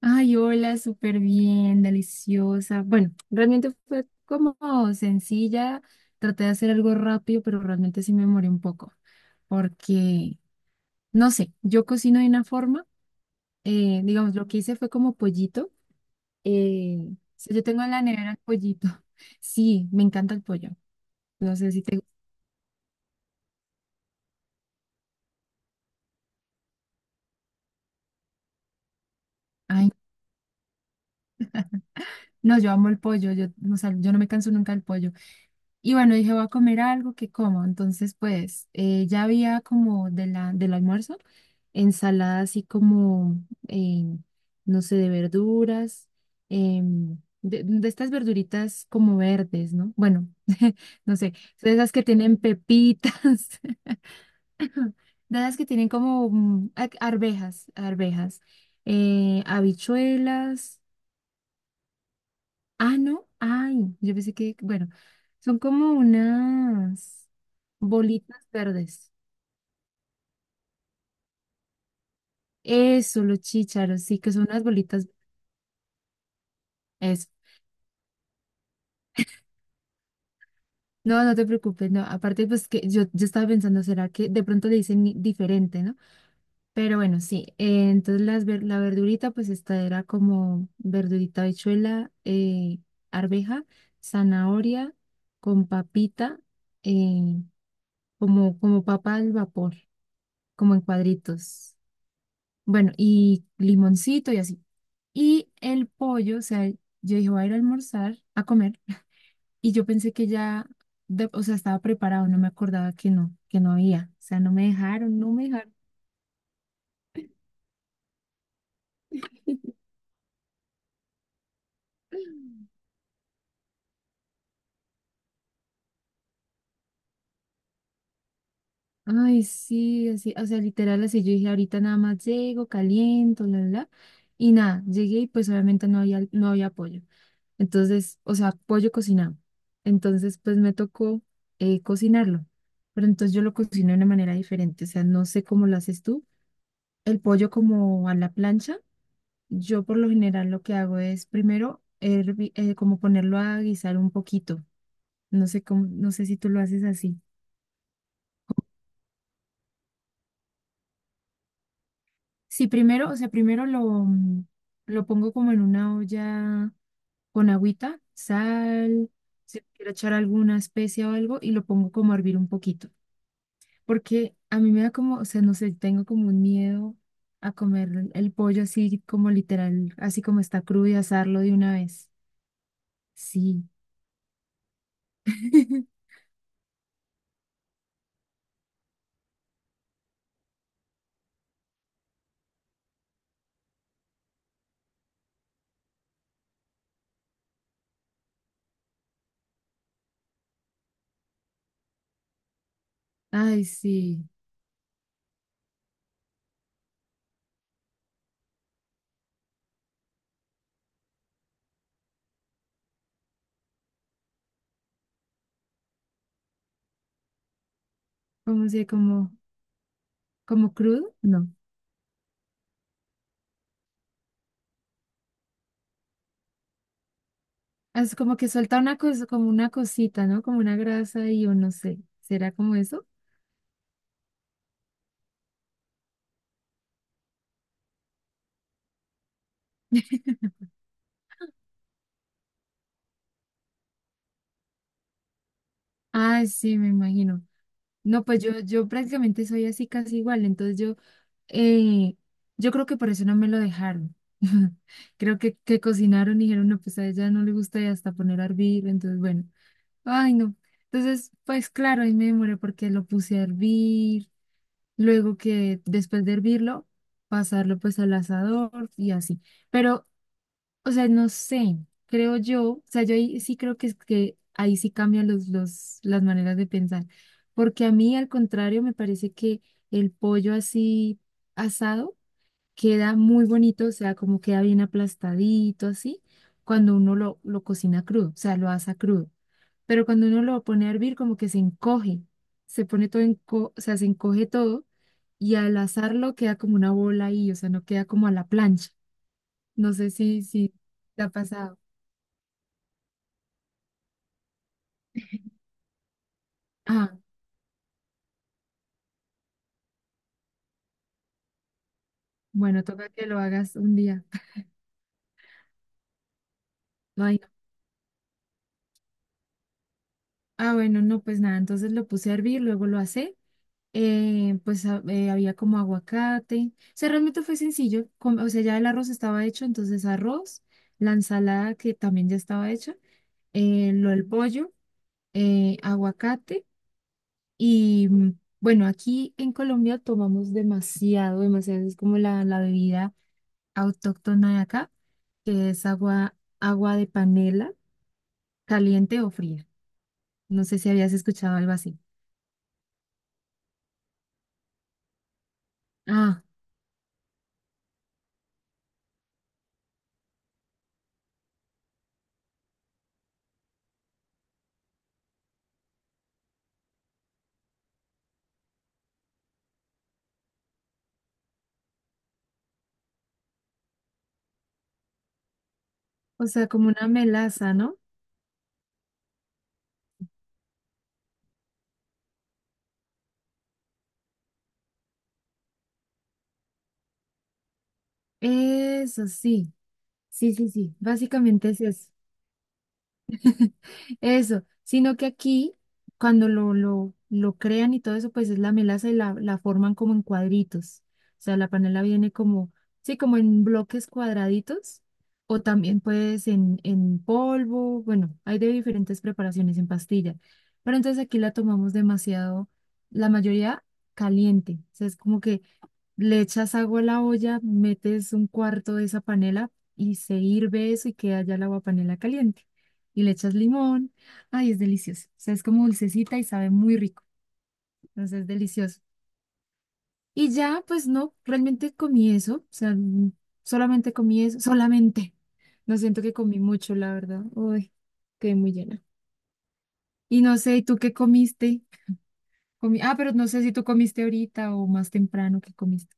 Ay, hola, súper bien, deliciosa. Bueno, realmente fue como sencilla. Traté de hacer algo rápido, pero realmente sí me demoré un poco. Porque, no sé, yo cocino de una forma. Digamos, lo que hice fue como pollito. O sea, yo tengo en la nevera el pollito. Sí, me encanta el pollo. No sé si te... Ay, no, yo amo el pollo. O sea, yo no me canso nunca del pollo. Y bueno, dije, voy a comer algo que como. Entonces, pues, ya había como del almuerzo, ensalada así como, eh, no sé, de verduras, de estas verduritas como verdes, ¿no? Bueno, no sé, de esas que tienen pepitas, de esas que tienen como arvejas, habichuelas. Ah, no, ay, yo pensé que, bueno, son como unas bolitas verdes. Eso, los chícharos, sí, que son unas bolitas. Eso. No, no te preocupes, no. Aparte, pues que yo estaba pensando, ¿será que de pronto le dicen diferente, ¿no? Pero bueno, sí. Entonces la verdurita, pues esta era como verdurita, habichuela, arveja, zanahoria, con papita, eh, como, como papa al vapor, como en cuadritos. Bueno, y limoncito y así. Y el pollo, o sea, yo dije, voy a ir a almorzar, a comer, y yo pensé que ya, o sea, estaba preparado, no me acordaba que no había. O sea, no me dejaron, no me dejaron. Ay, sí, así, o sea, literal, así yo dije, ahorita nada más llego, caliento, bla, bla, bla. Y nada, llegué y pues obviamente no había, no había pollo. Entonces, o sea, pollo cocinado. Entonces, pues me tocó cocinarlo. Pero entonces yo lo cocino de una manera diferente. O sea, no sé cómo lo haces tú. El pollo como a la plancha. Yo por lo general lo que hago es como ponerlo a guisar un poquito. No sé cómo, no sé si tú lo haces así. Sí, primero, o sea, primero lo pongo como en una olla con agüita, sal, si quiero echar alguna especia o algo, y lo pongo como a hervir un poquito. Porque a mí me da como, o sea, no sé, tengo como un miedo a comer el pollo así como literal, así como está crudo y asarlo de una vez. Sí. Ay, sí. ¿Cómo se, como, como crudo? No. Es como que suelta una cosa, como una cosita, ¿no? Como una grasa y yo no sé. ¿Será como eso? Ay, sí, me imagino. No, pues yo prácticamente soy así casi igual. Entonces Eh, yo creo que por eso no me lo dejaron. Creo que cocinaron y dijeron, no, pues a ella no le gusta y hasta poner a hervir. Entonces, bueno, ay, no. Entonces, pues claro, ahí me demoré porque lo puse a hervir. Luego que después de hervirlo, pasarlo pues al asador y así. Pero, o sea, no sé, creo yo, o sea, yo ahí sí creo que, es que ahí sí cambian las maneras de pensar. Porque a mí, al contrario, me parece que el pollo así asado queda muy bonito, o sea, como queda bien aplastadito, así, cuando uno lo cocina crudo, o sea, lo asa crudo. Pero cuando uno lo pone a hervir, como que se encoge, se pone todo, enco o sea, se encoge todo y al asarlo queda como una bola ahí, o sea, no queda como a la plancha. No sé si te ha pasado. Ah, bueno, toca que lo hagas un día. Ay, no. Ah, bueno, no, pues nada, entonces lo puse a hervir, luego lo asé, había como aguacate. O sea, realmente fue sencillo. O sea, ya el arroz estaba hecho, entonces arroz, la ensalada que también ya estaba hecha, lo del pollo, aguacate y bueno, aquí en Colombia tomamos demasiado, demasiado. Es como la bebida autóctona de acá, que es agua, agua de panela, caliente o fría. No sé si habías escuchado algo así. Ah, o sea, como una melaza, ¿no? Eso sí. Sí, sí, sí, básicamente es eso. Eso, sino que aquí, cuando lo crean y todo eso, pues es la melaza y la forman como en cuadritos. O sea, la panela viene como, sí, como en bloques cuadraditos, o también pues en polvo, bueno, hay de diferentes preparaciones en pastilla. Pero entonces aquí la tomamos demasiado, la mayoría caliente. O sea, es como que le echas agua a la olla, metes un cuarto de esa panela y se hirve eso y queda ya el agua panela caliente. Y le echas limón. Ay, es delicioso. O sea, es como dulcecita y sabe muy rico. Entonces es delicioso. Y ya, pues no, realmente comí eso. O sea, solamente comí eso. Solamente. No siento que comí mucho, la verdad. Uy, quedé muy llena. Y no sé, ¿y tú qué comiste? Comí... Ah, pero no sé si tú comiste ahorita o más temprano que comiste.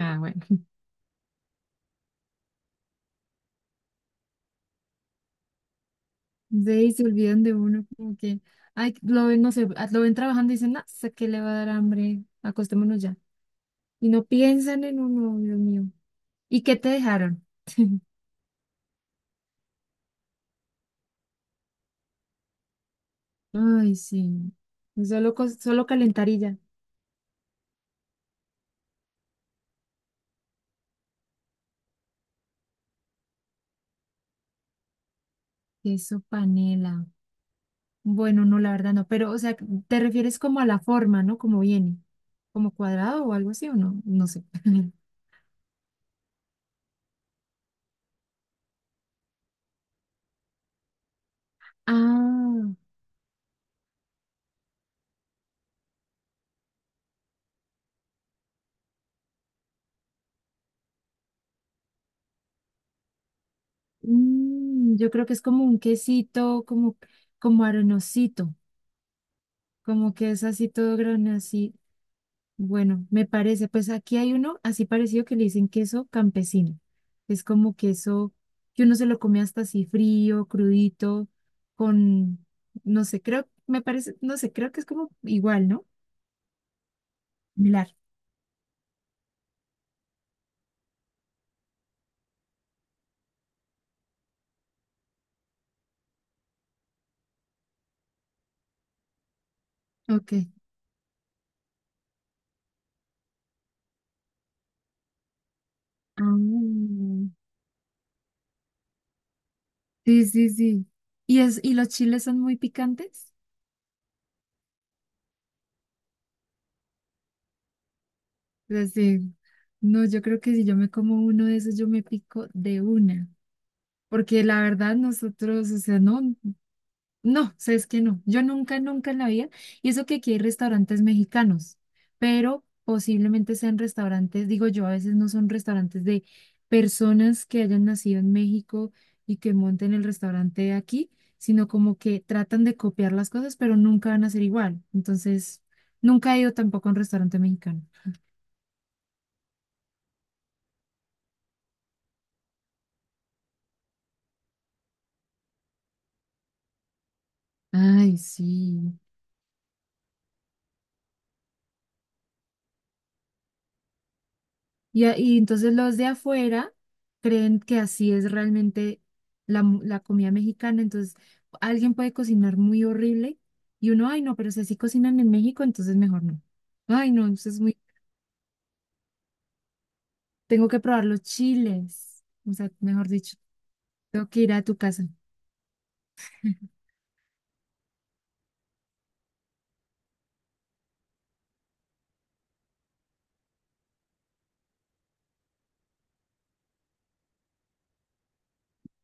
Ah, bueno. Ve y se olvidan de uno, como que, ay, lo ven, no sé, ah, lo ven trabajando y dicen, no, sé que le va a dar hambre, acostémonos ya. Y no piensan en uno, Dios mío. ¿Y qué te dejaron? Ay, sí. Solo calentar y ya. Queso panela. Bueno, no, la verdad no. Pero, o sea, te refieres como a la forma, ¿no? Como viene. Como cuadrado o algo así, ¿o no? No sé. Ah, yo creo que es como un quesito, como, como arenosito. Como que es así todo grande, así. Bueno, me parece, pues aquí hay uno así parecido que le dicen queso campesino. Es como queso que uno se lo come hasta así frío, crudito, con, no sé, creo, me parece, no sé, creo que es como igual, ¿no? Similar. Ok. Ah, sí, sí, sí. ¿Y, es, y los chiles son muy picantes? Pues sí. No, yo creo que si yo me como uno de esos, yo me pico de una. Porque la verdad, nosotros, o sea, no. No, sabes que no. Yo nunca, nunca en la vida. Y eso que aquí hay restaurantes mexicanos, pero posiblemente sean restaurantes, digo yo, a veces no son restaurantes de personas que hayan nacido en México y que monten el restaurante de aquí, sino como que tratan de copiar las cosas, pero nunca van a ser igual. Entonces, nunca he ido tampoco a un restaurante mexicano. Ay, sí. Y, y entonces los de afuera creen que así es realmente la, la comida mexicana. Entonces alguien puede cocinar muy horrible y uno, ay no, pero si así cocinan en México, entonces mejor no. Ay no, entonces es muy, tengo que probar los chiles. O sea, mejor dicho, tengo que ir a tu casa.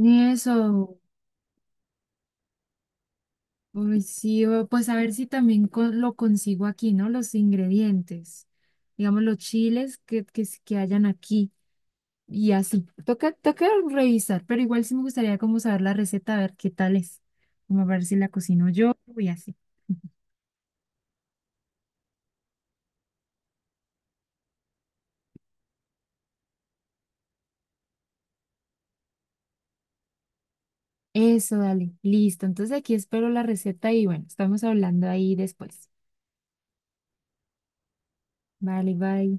ni eso, uy, sí, pues a ver si también lo consigo aquí, ¿no? Los ingredientes, digamos los chiles que hayan aquí. Y así, toca, toca revisar, pero igual sí me gustaría como saber la receta, a ver qué tal es, como a ver si la cocino yo y así. Eso, dale, listo. Entonces aquí espero la receta y bueno, estamos hablando ahí después. Vale, bye.